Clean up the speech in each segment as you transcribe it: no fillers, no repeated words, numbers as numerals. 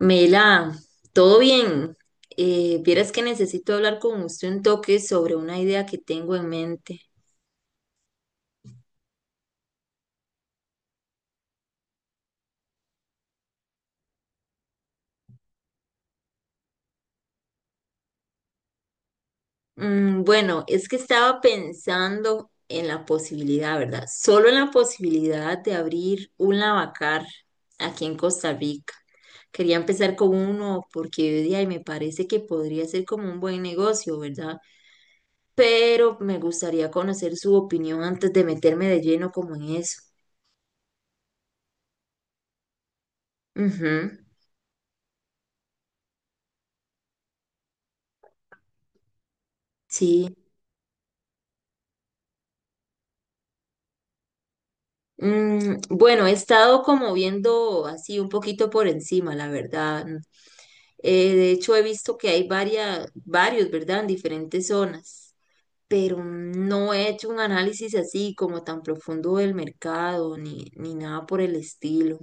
Mela, todo bien. Vieras que necesito hablar con usted un toque sobre una idea que tengo en mente. Bueno, es que estaba pensando en la posibilidad, ¿verdad? Solo en la posibilidad de abrir un lavacar aquí en Costa Rica. Quería empezar con uno porque de ahí me parece que podría ser como un buen negocio, ¿verdad? Pero me gustaría conocer su opinión antes de meterme de lleno como en eso. Ujú, sí. Bueno, he estado como viendo así un poquito por encima, la verdad. De hecho, he visto que hay varias, varios, ¿verdad? En diferentes zonas, pero no he hecho un análisis así como tan profundo del mercado ni nada por el estilo.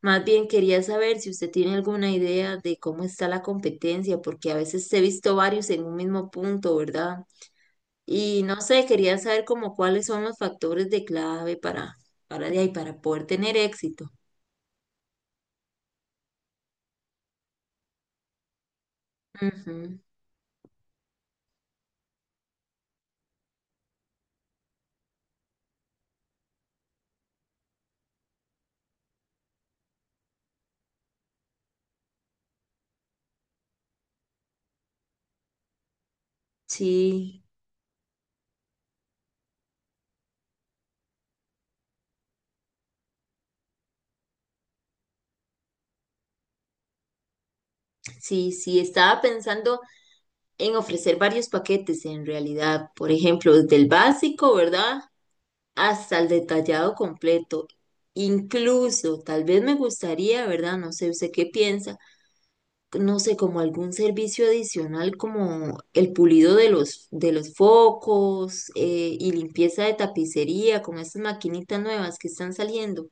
Más bien quería saber si usted tiene alguna idea de cómo está la competencia, porque a veces he visto varios en un mismo punto, ¿verdad? Y no sé, quería saber como cuáles son los factores de clave para de ahí, para poder tener éxito. Ujú. Sí, sí, sí, estaba pensando en ofrecer varios paquetes en realidad, por ejemplo, desde el básico, ¿verdad? Hasta el detallado completo. Incluso, tal vez me gustaría, ¿verdad? No sé, ¿usted qué piensa? No sé, como algún servicio adicional como el pulido de los focos y limpieza de tapicería, como estas maquinitas nuevas que están saliendo.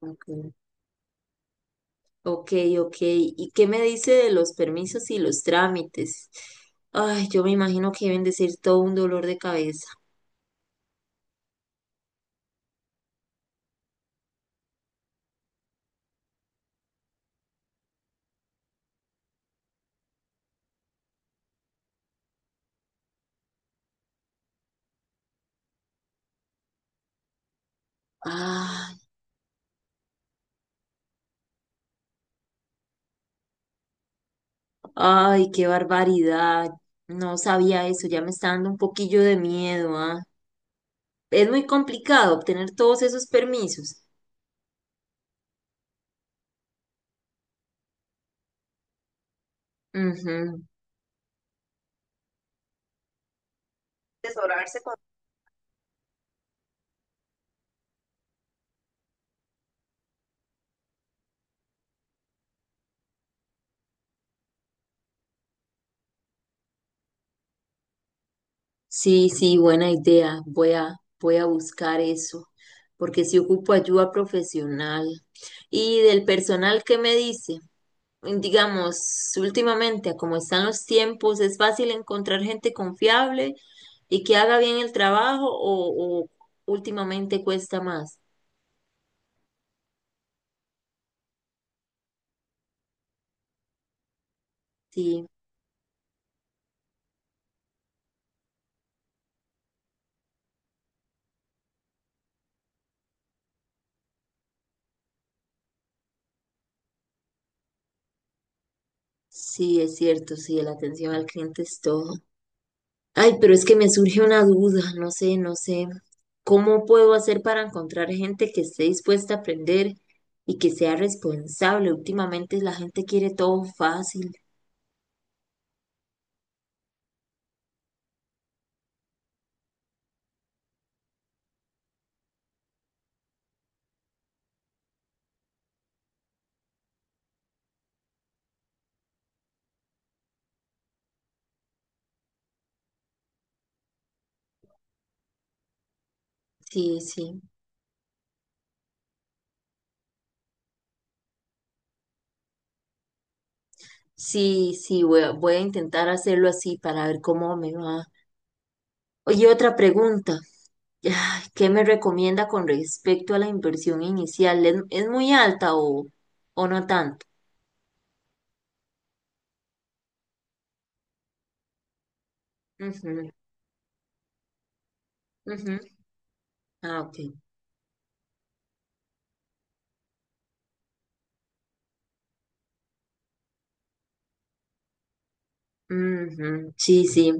Ok. Ok, ok. ¿Y qué me dice de los permisos y los trámites? Ay, yo me imagino que deben de ser todo un dolor de cabeza. Ay, ay, qué barbaridad. No sabía eso, ya me está dando un poquillo de miedo, ¿ah? Es muy complicado obtener todos esos permisos. Ujú. Asesorarse con... Sí, sí, buena idea. Voy a buscar eso, porque si ocupo ayuda profesional. Y del personal, ¿qué me dice? Digamos, últimamente, a como están los tiempos, ¿es fácil encontrar gente confiable y que haga bien el trabajo o últimamente cuesta más? Sí, sí, es cierto, sí, la atención al cliente es todo. Ay, pero es que me surge una duda, no sé, no sé. ¿Cómo puedo hacer para encontrar gente que esté dispuesta a aprender y que sea responsable? Últimamente la gente quiere todo fácil. Sí, sí. Sí, sí, voy a intentar hacerlo así para ver cómo me va. Oye, otra pregunta. Ay, ¿qué me recomienda con respecto a la inversión inicial? ¿Es muy alta o no tanto? Ujú, ujú. Ah, ok. Ujú, sí, sí.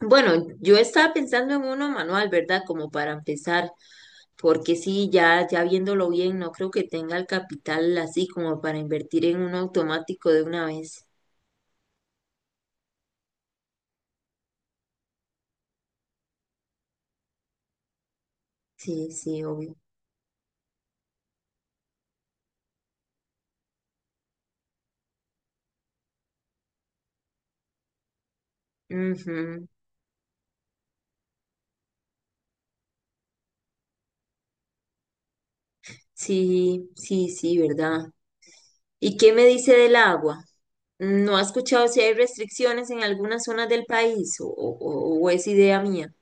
Bueno, yo estaba pensando en uno manual, ¿verdad? Como para empezar, porque sí, ya, ya viéndolo bien, no creo que tenga el capital así como para invertir en uno automático de una vez. Sí, sí, obvio. Ujú. Sí, sí, sí, ¿verdad? ¿Y qué me dice del agua? ¿No ha escuchado si hay restricciones en algunas zonas del país o es idea mía?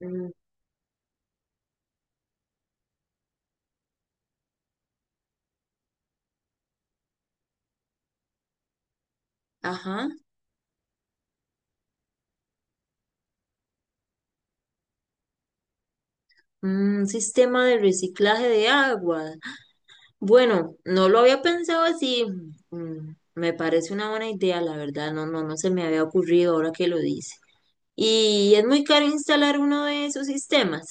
Mm, ajá, mm, un sistema de reciclaje de agua. Bueno, no lo había pensado así. Mm, me parece una buena idea, la verdad. No, no, no se me había ocurrido ahora que lo dice. Y es muy caro instalar uno de esos sistemas.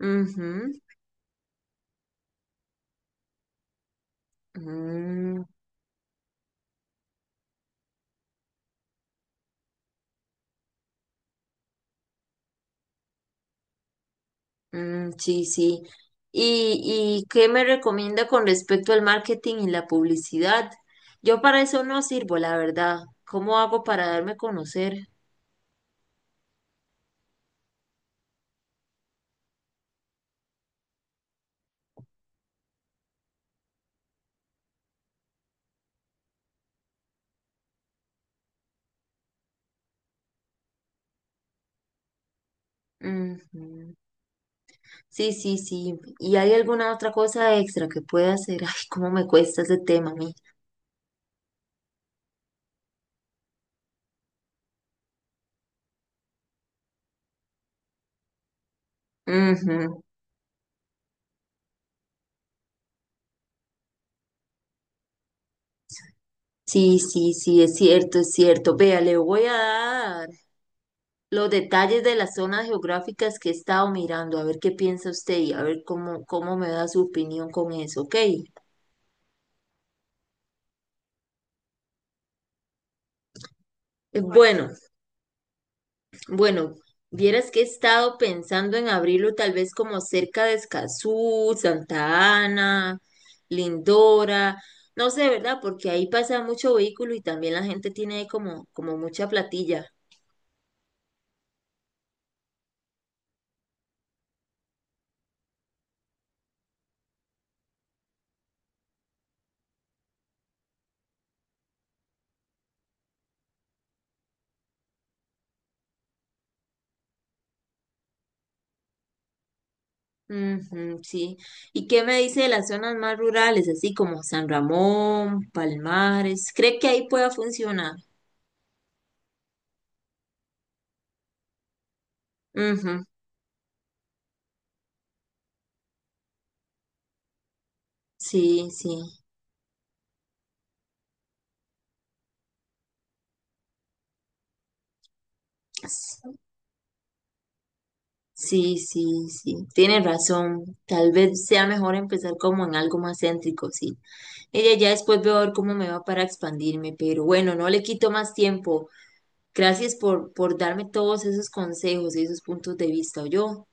Ujú, mm, mm, sí, sí. ¿Y qué me recomienda con respecto al marketing y la publicidad? Yo para eso no sirvo, la verdad. ¿Cómo hago para darme a conocer? Ujú. Sí, sí, sí. ¿Y hay alguna otra cosa extra que pueda hacer? Ay, cómo me cuesta ese tema a mí. Ujú. Sí, sí, sí, es cierto, es cierto. Vea, le voy a dar los detalles de las zonas geográficas que he estado mirando, a ver qué piensa usted y a ver cómo, cómo me da su opinión con eso, ¿ok? Bueno, bueno, vieras que he estado pensando en abrirlo tal vez como cerca de Escazú, Santa Ana, Lindora, no sé, ¿verdad? Porque ahí pasa mucho vehículo y también la gente tiene como, como mucha platilla. Ujú, sí. ¿Y qué me dice de las zonas más rurales, así como San Ramón, Palmares? ¿Cree que ahí pueda funcionar? Ujú, sí, sí. S- Sí, sí, sí. Tiene razón. Tal vez sea mejor empezar como en algo más céntrico, sí. Ella ya después veo a ver cómo me va para expandirme, pero bueno, no le quito más tiempo. Gracias por darme todos esos consejos y esos puntos de vista, yo.